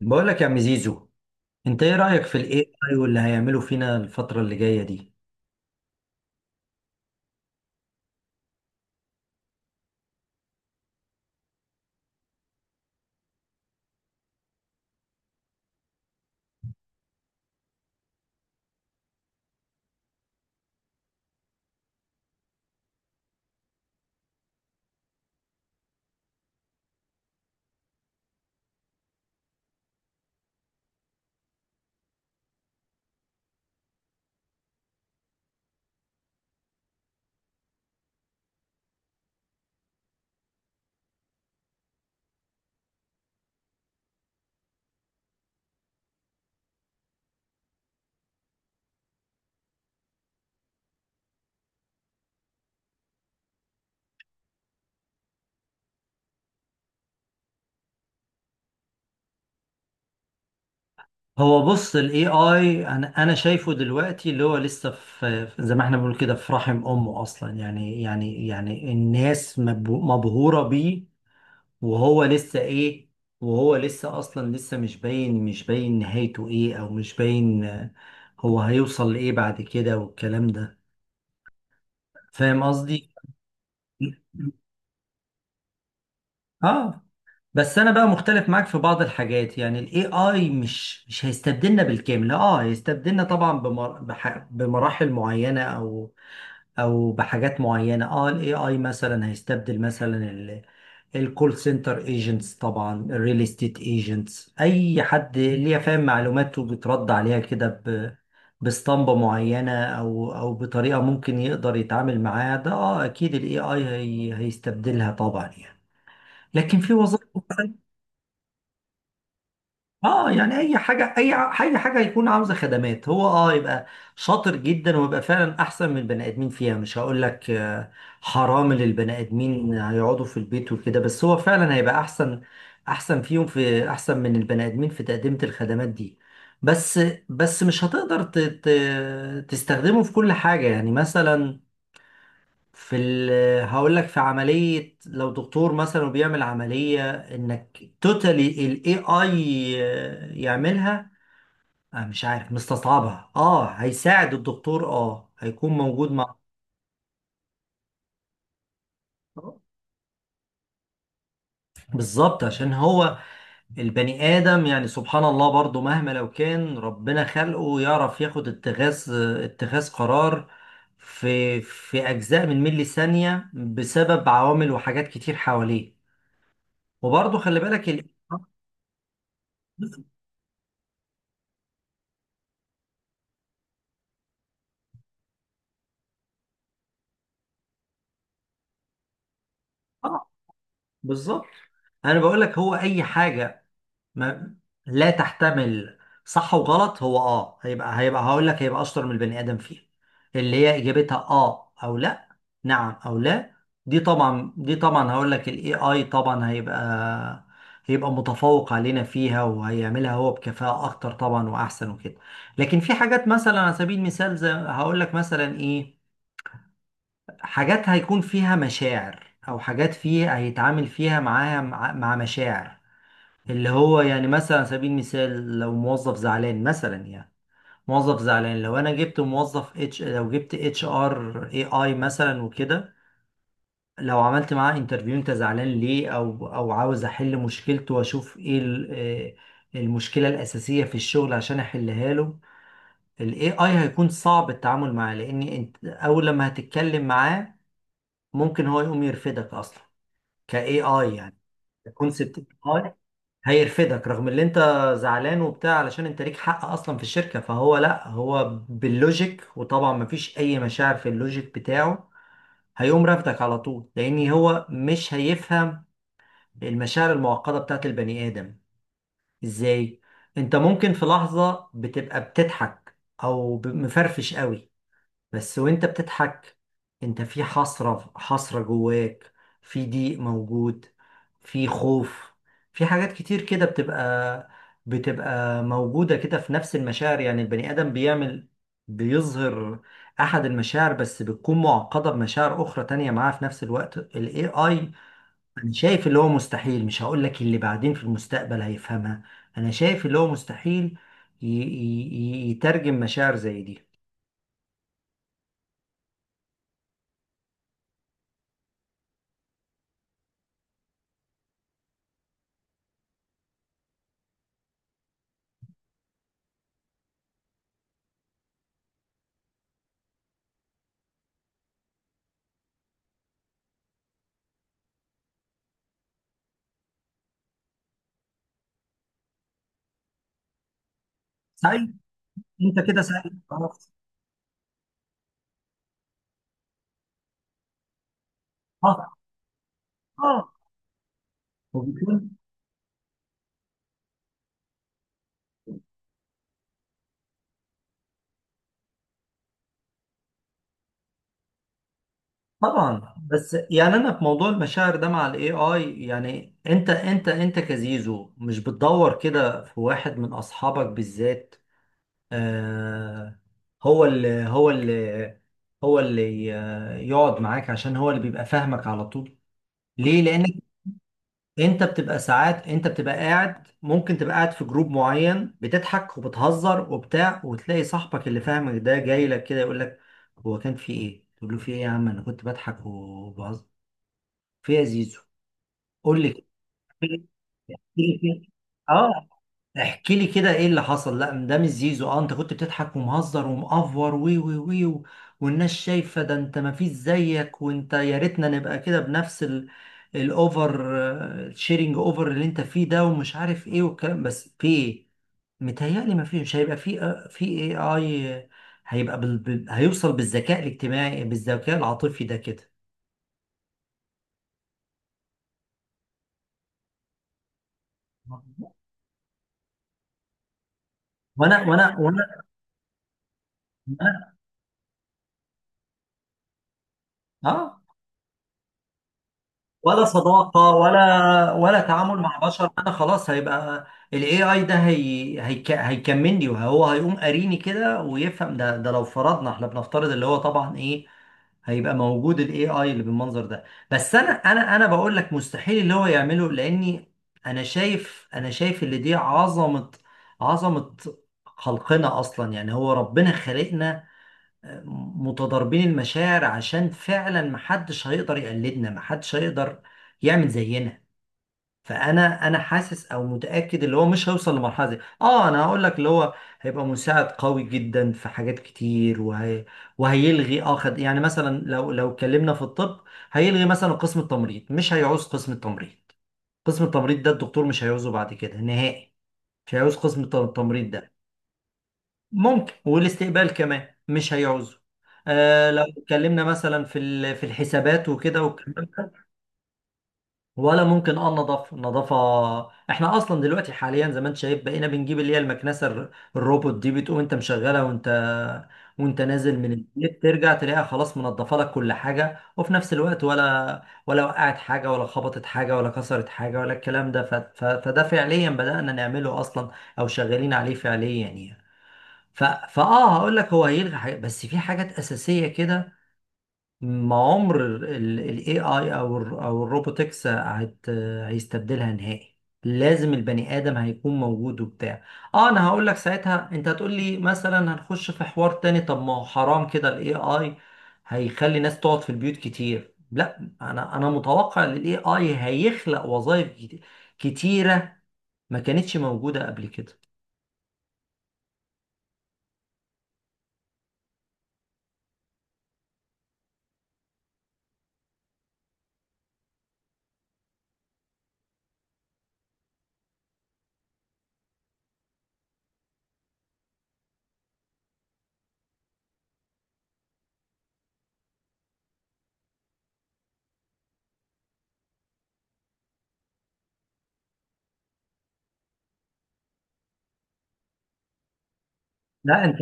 بقول لك يا عم زيزو، انت ايه رأيك في الاي اي واللي هيعمله فينا الفترة اللي جاية دي؟ هو بص الاي اي انا شايفه دلوقتي اللي هو لسه زي ما احنا بنقول كده في رحم امه اصلا. يعني الناس مبهورة بيه وهو لسه ايه، وهو لسه اصلا لسه مش باين، مش باين نهايته ايه، او مش باين هو هيوصل لايه بعد كده والكلام ده. فاهم قصدي؟ اه. بس انا بقى مختلف معاك في بعض الحاجات. يعني الاي اي مش هيستبدلنا بالكامل، اه هيستبدلنا طبعا بمراحل معينه او او بحاجات معينه. اه الاي اي مثلا هيستبدل مثلا الكول سنتر ايجنتس، طبعا الريل استيت ايجنتس، اي حد ليه فاهم معلومات وبترد عليها كده باسطمبة معينة، أو أو بطريقة ممكن يقدر يتعامل معاها. ده أه أكيد ال AI هي هيستبدلها طبعا يعني، لكن في وظائف. اه يعني اي حاجه اي حاجه هيكون عاوزه خدمات، هو اه يبقى شاطر جدا ويبقى فعلا احسن من البني ادمين فيها. مش هقول لك حرام اللي البني ادمين هيقعدوا في البيت وكده، بس هو فعلا هيبقى احسن، احسن فيهم، في احسن من البني ادمين في تقديم الخدمات دي. بس بس مش هتقدر تستخدمه في كل حاجه. يعني مثلا في ال هقول لك في عملية، لو دكتور مثلا وبيعمل عملية، انك توتالي الاي اي يعملها، آه مش عارف، مستصعبها. اه هيساعد الدكتور، اه هيكون موجود مع. بالظبط عشان هو البني آدم يعني سبحان الله برضو مهما لو كان ربنا خلقه يعرف ياخد اتخاذ، اتخاذ قرار في في أجزاء من ملي ثانية بسبب عوامل وحاجات كتير حواليه. وبرضو خلي بالك. ال... بالظبط. انا بقول لك هو اي حاجه ما لا تحتمل صح وغلط، هو اه هيبقى هقول لك هيبقى اشطر من البني ادم فيها، اللي هي اجابتها اه او لا، نعم او لا. دي طبعا هقول لك الاي اي طبعا هيبقى متفوق علينا فيها وهيعملها هو بكفاءة اكتر طبعا واحسن وكده. لكن في حاجات مثلا على سبيل المثال، زي هقول لك مثلا ايه، حاجات هيكون فيها مشاعر، او حاجات فيها هيتعامل فيها معاها مع مشاعر. اللي هو يعني مثلا على سبيل المثال لو موظف زعلان مثلا، يعني موظف زعلان، لو انا جبت موظف اتش، لو جبت اتش ار اي اي مثلا وكده، لو عملت معاه انترفيو، انت زعلان ليه، او او عاوز احل مشكلته واشوف ايه المشكلة الأساسية في الشغل عشان احلها له. الاي اي هيكون صعب التعامل معاه، لان انت اول لما هتتكلم معاه ممكن هو يقوم يرفدك اصلا كاي اي يعني، كونسبت. هيرفدك رغم اللي انت زعلان وبتاع، علشان انت ليك حق اصلا في الشركة، فهو لا، هو باللوجيك، وطبعا مفيش اي مشاعر في اللوجيك بتاعه، هيقوم رافدك على طول، لان هو مش هيفهم المشاعر المعقدة بتاعت البني ادم. ازاي؟ انت ممكن في لحظة بتبقى بتضحك مفرفش قوي، بس وانت بتضحك انت في حسرة، حسرة جواك، في ضيق موجود، في خوف، في حاجات كتير كده بتبقى موجودة كده في نفس المشاعر. يعني البني آدم بيعمل، بيظهر أحد المشاعر بس بتكون معقدة بمشاعر أخرى تانية معاه في نفس الوقت. ال AI، أنا شايف اللي هو مستحيل، مش هقول لك اللي بعدين في المستقبل هيفهمها، أنا شايف اللي هو مستحيل يترجم مشاعر زي دي. صحيح. انت كده ساعتها خلاص. اه. اه. وبيكون. طبعا بس يعني انا في موضوع المشاعر ده مع الاي اي، يعني انت كزيزو مش بتدور كده في واحد من اصحابك بالذات، آه، هو اللي هو اللي هو اللي يقعد معاك عشان هو اللي بيبقى فاهمك على طول؟ ليه؟ لان انت بتبقى ساعات، انت بتبقى قاعد، ممكن تبقى قاعد في جروب معين بتضحك وبتهزر وبتاع، وتلاقي صاحبك اللي فاهمك ده جاي لك كده يقول لك هو كان في ايه؟ تقول له في ايه يا عم، انا كنت بضحك وبهزر. في إيه يا زيزو؟ قول لي كده. في إيه؟ في إيه؟ في إيه؟ اه احكي لي كده ايه اللي حصل. لا ده مش زيزو، اه انت كنت بتضحك ومهزر ومقفر والناس شايفه ده، انت ما فيش زيك، وانت يا ريتنا نبقى كده بنفس ال الاوفر، الشيرنج اوفر اللي انت فيه ده ومش عارف ايه والكلام، بس في ايه. متهيألي ما فيش هيبقى في في اي اي هيبقى هيوصل بالذكاء الاجتماعي بالذكاء العاطفي ده كده. وانا وانا وانا, وأنا... اه، ولا صداقة ولا تعامل مع بشر، انا خلاص هيبقى الاي اي ده هي هيكملني وهو هيقوم قاريني كده ويفهم. ده ده لو فرضنا، احنا بنفترض اللي هو طبعا ايه، هيبقى موجود الاي اي اللي بالمنظر ده. بس انا بقول لك مستحيل اللي هو يعمله، لاني انا شايف اللي دي عظمة، عظمة خلقنا اصلا. يعني هو ربنا خلقنا متضاربين المشاعر عشان فعلا محدش هيقدر يقلدنا، محدش هيقدر يعمل زينا. فانا حاسس او متاكد اللي هو مش هيوصل لمرحله دي. اه انا هقول لك اللي هو هيبقى مساعد قوي جدا في حاجات كتير، وهي وهيلغي اخد، يعني مثلا لو اتكلمنا في الطب، هيلغي مثلا قسم التمريض، مش هيعوز قسم التمريض، قسم التمريض ده الدكتور مش هيعوزه بعد كده نهائي، مش هيعوز قسم التمريض ده. ممكن، والاستقبال كمان مش هيعوزه. آه لو اتكلمنا مثلا في في الحسابات وكده والكلام. ولا ممكن اه النظافه، النظافه احنا اصلا دلوقتي حاليا زي ما انت شايف بقينا بنجيب اللي هي المكنسه الروبوت دي، بتقوم انت مشغلها، وانت وانت نازل من البيت، ترجع تلاقيها خلاص منظفه لك كل حاجه، وفي نفس الوقت ولا وقعت حاجه، ولا خبطت حاجه، ولا كسرت حاجه، ولا الكلام ده. فده فعليا بدأنا نعمله اصلا، او شغالين عليه فعليا يعني. فاه هقول لك هو هيلغي حاجات، بس في حاجات اساسيه كده ما عمر الاي اي او ال او الروبوتكس هيستبدلها نهائي. لازم البني ادم هيكون موجود وبتاع. اه انا هقول لك ساعتها انت هتقول لي مثلا، هنخش في حوار تاني، طب ما هو حرام كده الاي اي هيخلي ناس تقعد في البيوت كتير. لا انا متوقع ان الاي اي هيخلق وظائف كتيره ما كانتش موجوده قبل كده. لا انت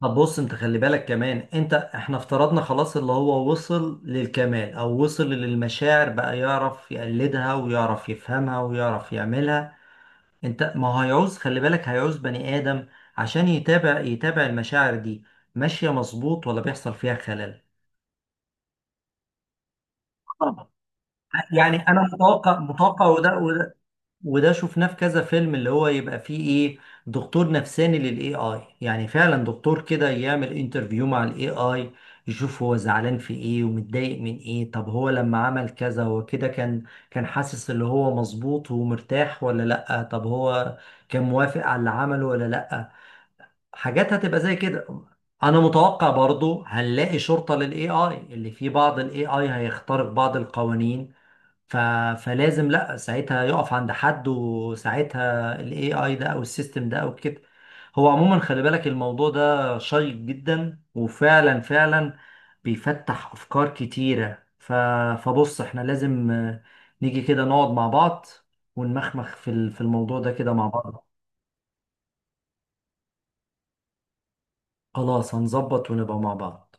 طب بص، انت خلي بالك كمان، انت احنا افترضنا خلاص اللي هو وصل للكمال، او وصل للمشاعر بقى يعرف يقلدها ويعرف يفهمها ويعرف يعملها، انت ما هو هيعوز، خلي بالك هيعوز بني ادم عشان يتابع المشاعر دي ماشية مظبوط ولا بيحصل فيها خلل. طبعا. يعني انا متوقع، وده وده شفناه في كذا فيلم، اللي هو يبقى فيه ايه، دكتور نفساني للاي اي. يعني فعلا دكتور كده يعمل انترفيو مع الاي اي يشوف هو زعلان في ايه، ومتضايق من ايه، طب هو لما عمل كذا هو كده كان، كان حاسس اللي هو مظبوط ومرتاح ولا لأ، طب هو كان موافق على اللي عمله ولا لأ. حاجات هتبقى زي كده. انا متوقع برضو هنلاقي شرطة للاي اي، اللي فيه بعض الاي اي هيخترق بعض القوانين، ف... فلازم لا ساعتها يقف عند حد، وساعتها الاي اي ده او السيستم ده او كده. هو عموما خلي بالك الموضوع ده شيق جدا وفعلا فعلا بيفتح افكار كتيرة. فبص احنا لازم نيجي كده نقعد مع بعض ونمخمخ في في الموضوع ده كده مع بعض. خلاص هنظبط ونبقى مع بعض.